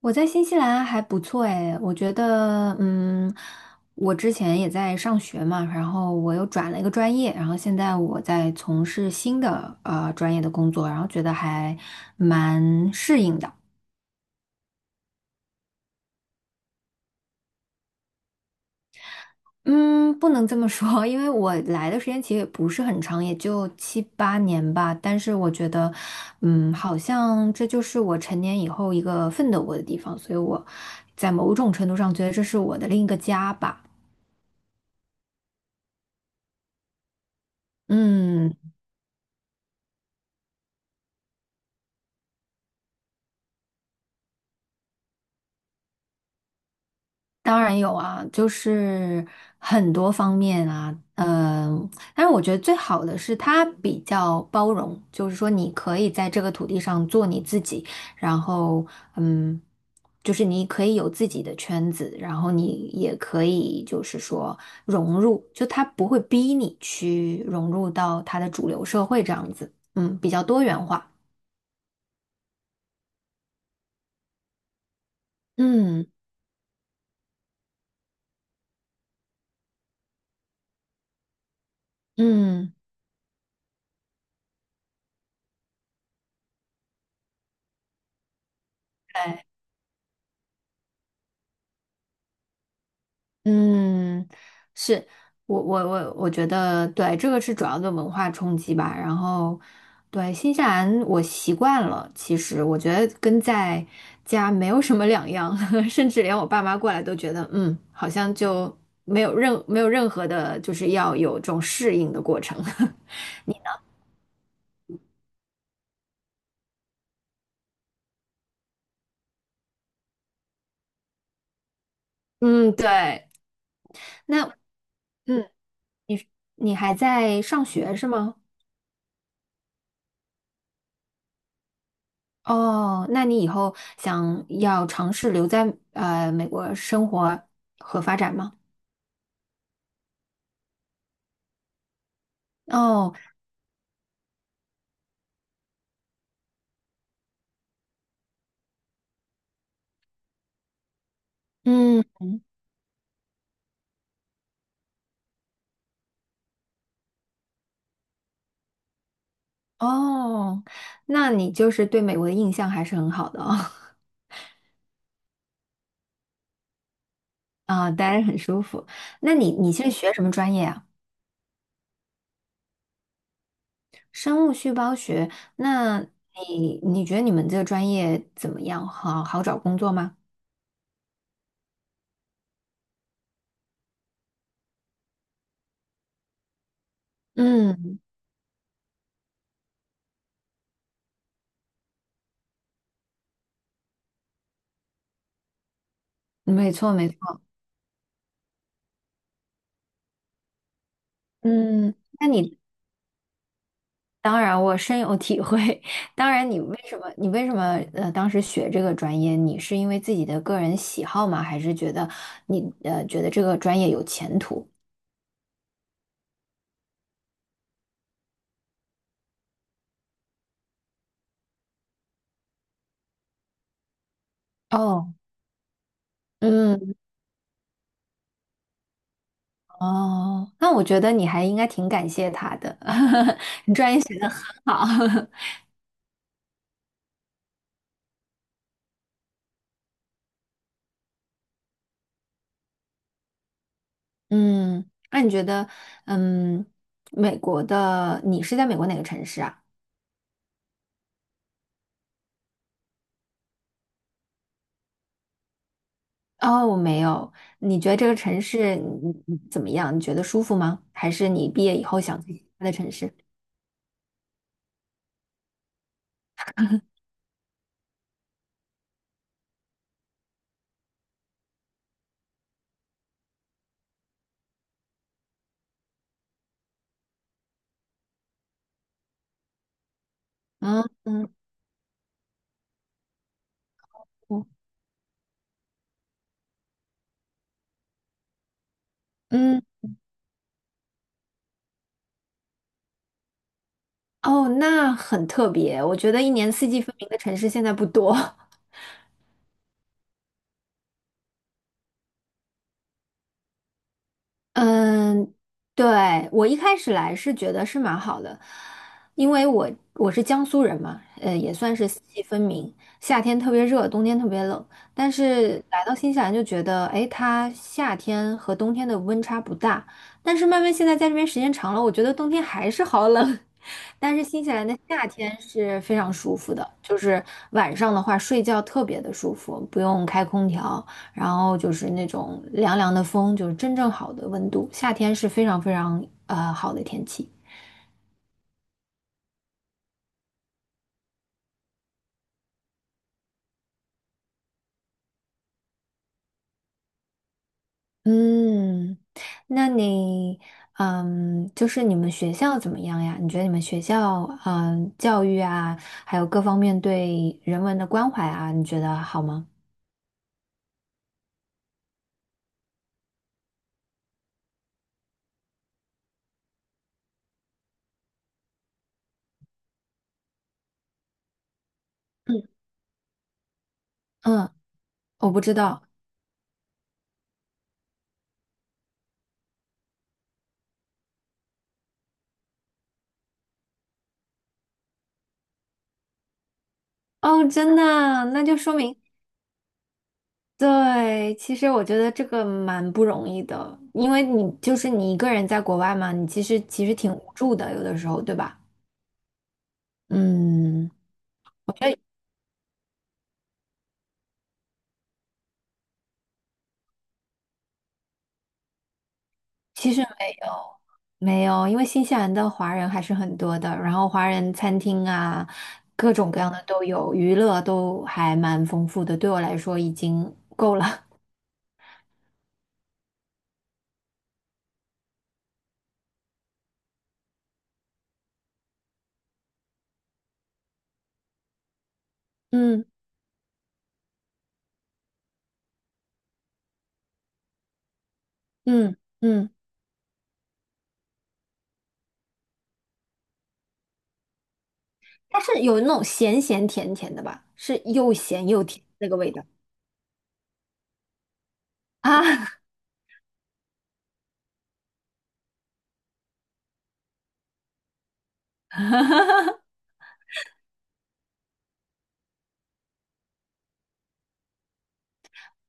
我在新西兰还不错诶，我觉得，我之前也在上学嘛，然后我又转了一个专业，然后现在我在从事新的专业的工作，然后觉得还蛮适应的。嗯，不能这么说，因为我来的时间其实也不是很长，也就七八年吧。但是我觉得，好像这就是我成年以后一个奋斗过的地方，所以我在某种程度上觉得这是我的另一个家吧。嗯。当然有啊，就是很多方面啊，但是我觉得最好的是它比较包容，就是说你可以在这个土地上做你自己，然后嗯，就是你可以有自己的圈子，然后你也可以就是说融入，就它不会逼你去融入到它的主流社会这样子，比较多元化。嗯嗯。对。嗯，是我觉得对，这个是主要的文化冲击吧。然后，对新西兰我习惯了，其实我觉得跟在家没有什么两样。甚至连我爸妈过来都觉得，好像就没有任何的，就是要有这种适应的过程。嗯，对。那嗯，你还在上学是吗？哦，那你以后想要尝试留在美国生活和发展吗？哦，嗯，哦，那你就是对美国的印象还是很好的哦。啊，待着很舒服。那你现在学什么专业啊？生物细胞学。那你觉得你们这个专业怎么样？好好找工作吗？嗯，没错没错。嗯，那你当然，我深有体会。当然，你为什么当时学这个专业？你是因为自己的个人喜好吗？还是觉得你觉得这个专业有前途？哦，嗯，哦，那我觉得你还应该挺感谢他的。你专业选得很好。嗯，那你觉得，嗯，美国的你是在美国哪个城市啊？哦，没有。你觉得这个城市你怎么样？你觉得舒服吗？还是你毕业以后想去其他的城市？嗯嗯嗯嗯，哦，那很特别。我觉得一年四季分明的城市现在不多。嗯，对，我一开始来是觉得是蛮好的，因为我是江苏人嘛，也算是四季分明，夏天特别热，冬天特别冷。但是来到新西兰就觉得，哎，它夏天和冬天的温差不大。但是慢慢现在在这边时间长了，我觉得冬天还是好冷。但是新西兰的夏天是非常舒服的，就是晚上的话睡觉特别的舒服，不用开空调。然后就是那种凉凉的风，就是真正好的温度。夏天是非常非常好的天气。嗯，那你就是你们学校怎么样呀？你觉得你们学校教育啊，还有各方面对人文的关怀啊，你觉得好吗？嗯，嗯，我不知道。哦，真的啊，那就说明。对，其实我觉得这个蛮不容易的，因为你就是你一个人在国外嘛，你其实挺无助的，有的时候，对吧？嗯，我觉得其实没有没有，因为新西兰的华人还是很多的，然后华人餐厅啊，各种各样的都有，娱乐都还蛮丰富的，对我来说已经够了。嗯嗯嗯，它是有那种咸咸甜甜的吧，是又咸又甜那个味道啊。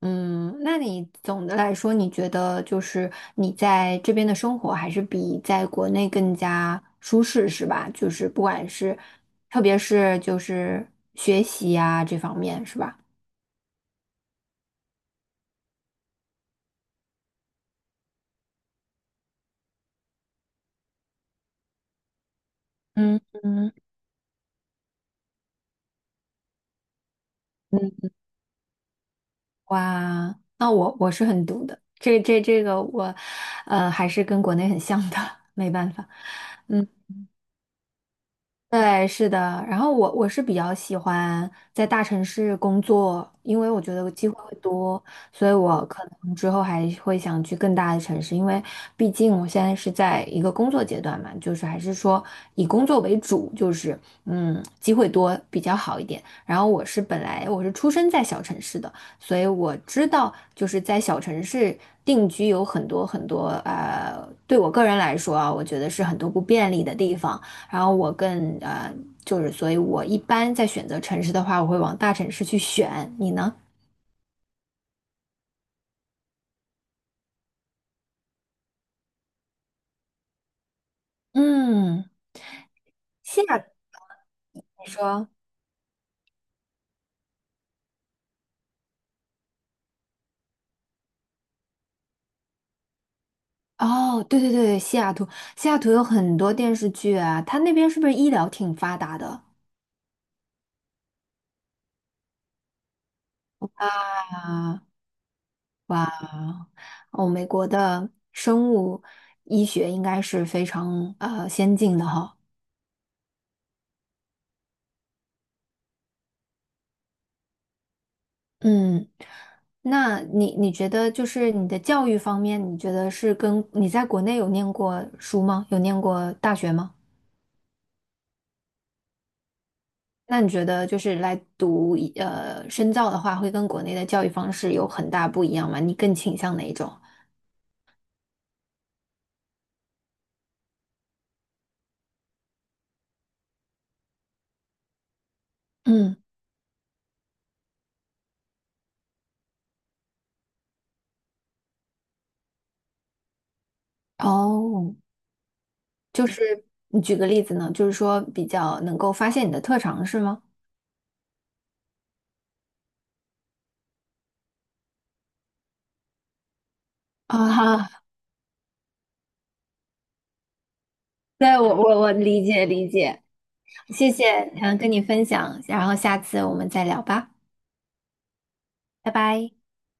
嗯，那你总的来说，你觉得就是你在这边的生活还是比在国内更加舒适，是吧？就是不管是，特别是就是学习呀、这方面，是吧？嗯嗯，哇，那我是很毒的，这个我，还是跟国内很像的。没办法。嗯。对，是的。然后我是比较喜欢在大城市工作，因为我觉得机会会多，所以我可能之后还会想去更大的城市，因为毕竟我现在是在一个工作阶段嘛，就是还是说以工作为主，就是机会多比较好一点。然后本来我是出生在小城市的，所以我知道就是在小城市定居有很多很多对我个人来说啊，我觉得是很多不便利的地方。然后我更就是所以，我一般在选择城市的话，我会往大城市去选。你呢？嗯，你说。哦，对对对，西雅图，西雅图有很多电视剧啊，它那边是不是医疗挺发达的啊？哇，哦，美国的生物医学应该是非常先进的哈。嗯，那你觉得就是你的教育方面，你觉得是跟你在国内有念过书吗？有念过大学吗？那你觉得就是来读深造的话，会跟国内的教育方式有很大不一样吗？你更倾向哪一种？嗯，哦，就是你举个例子呢，就是说比较能够发现你的特长是吗？啊，对，我理解理解，谢谢，跟你分享，然后下次我们再聊吧，拜拜。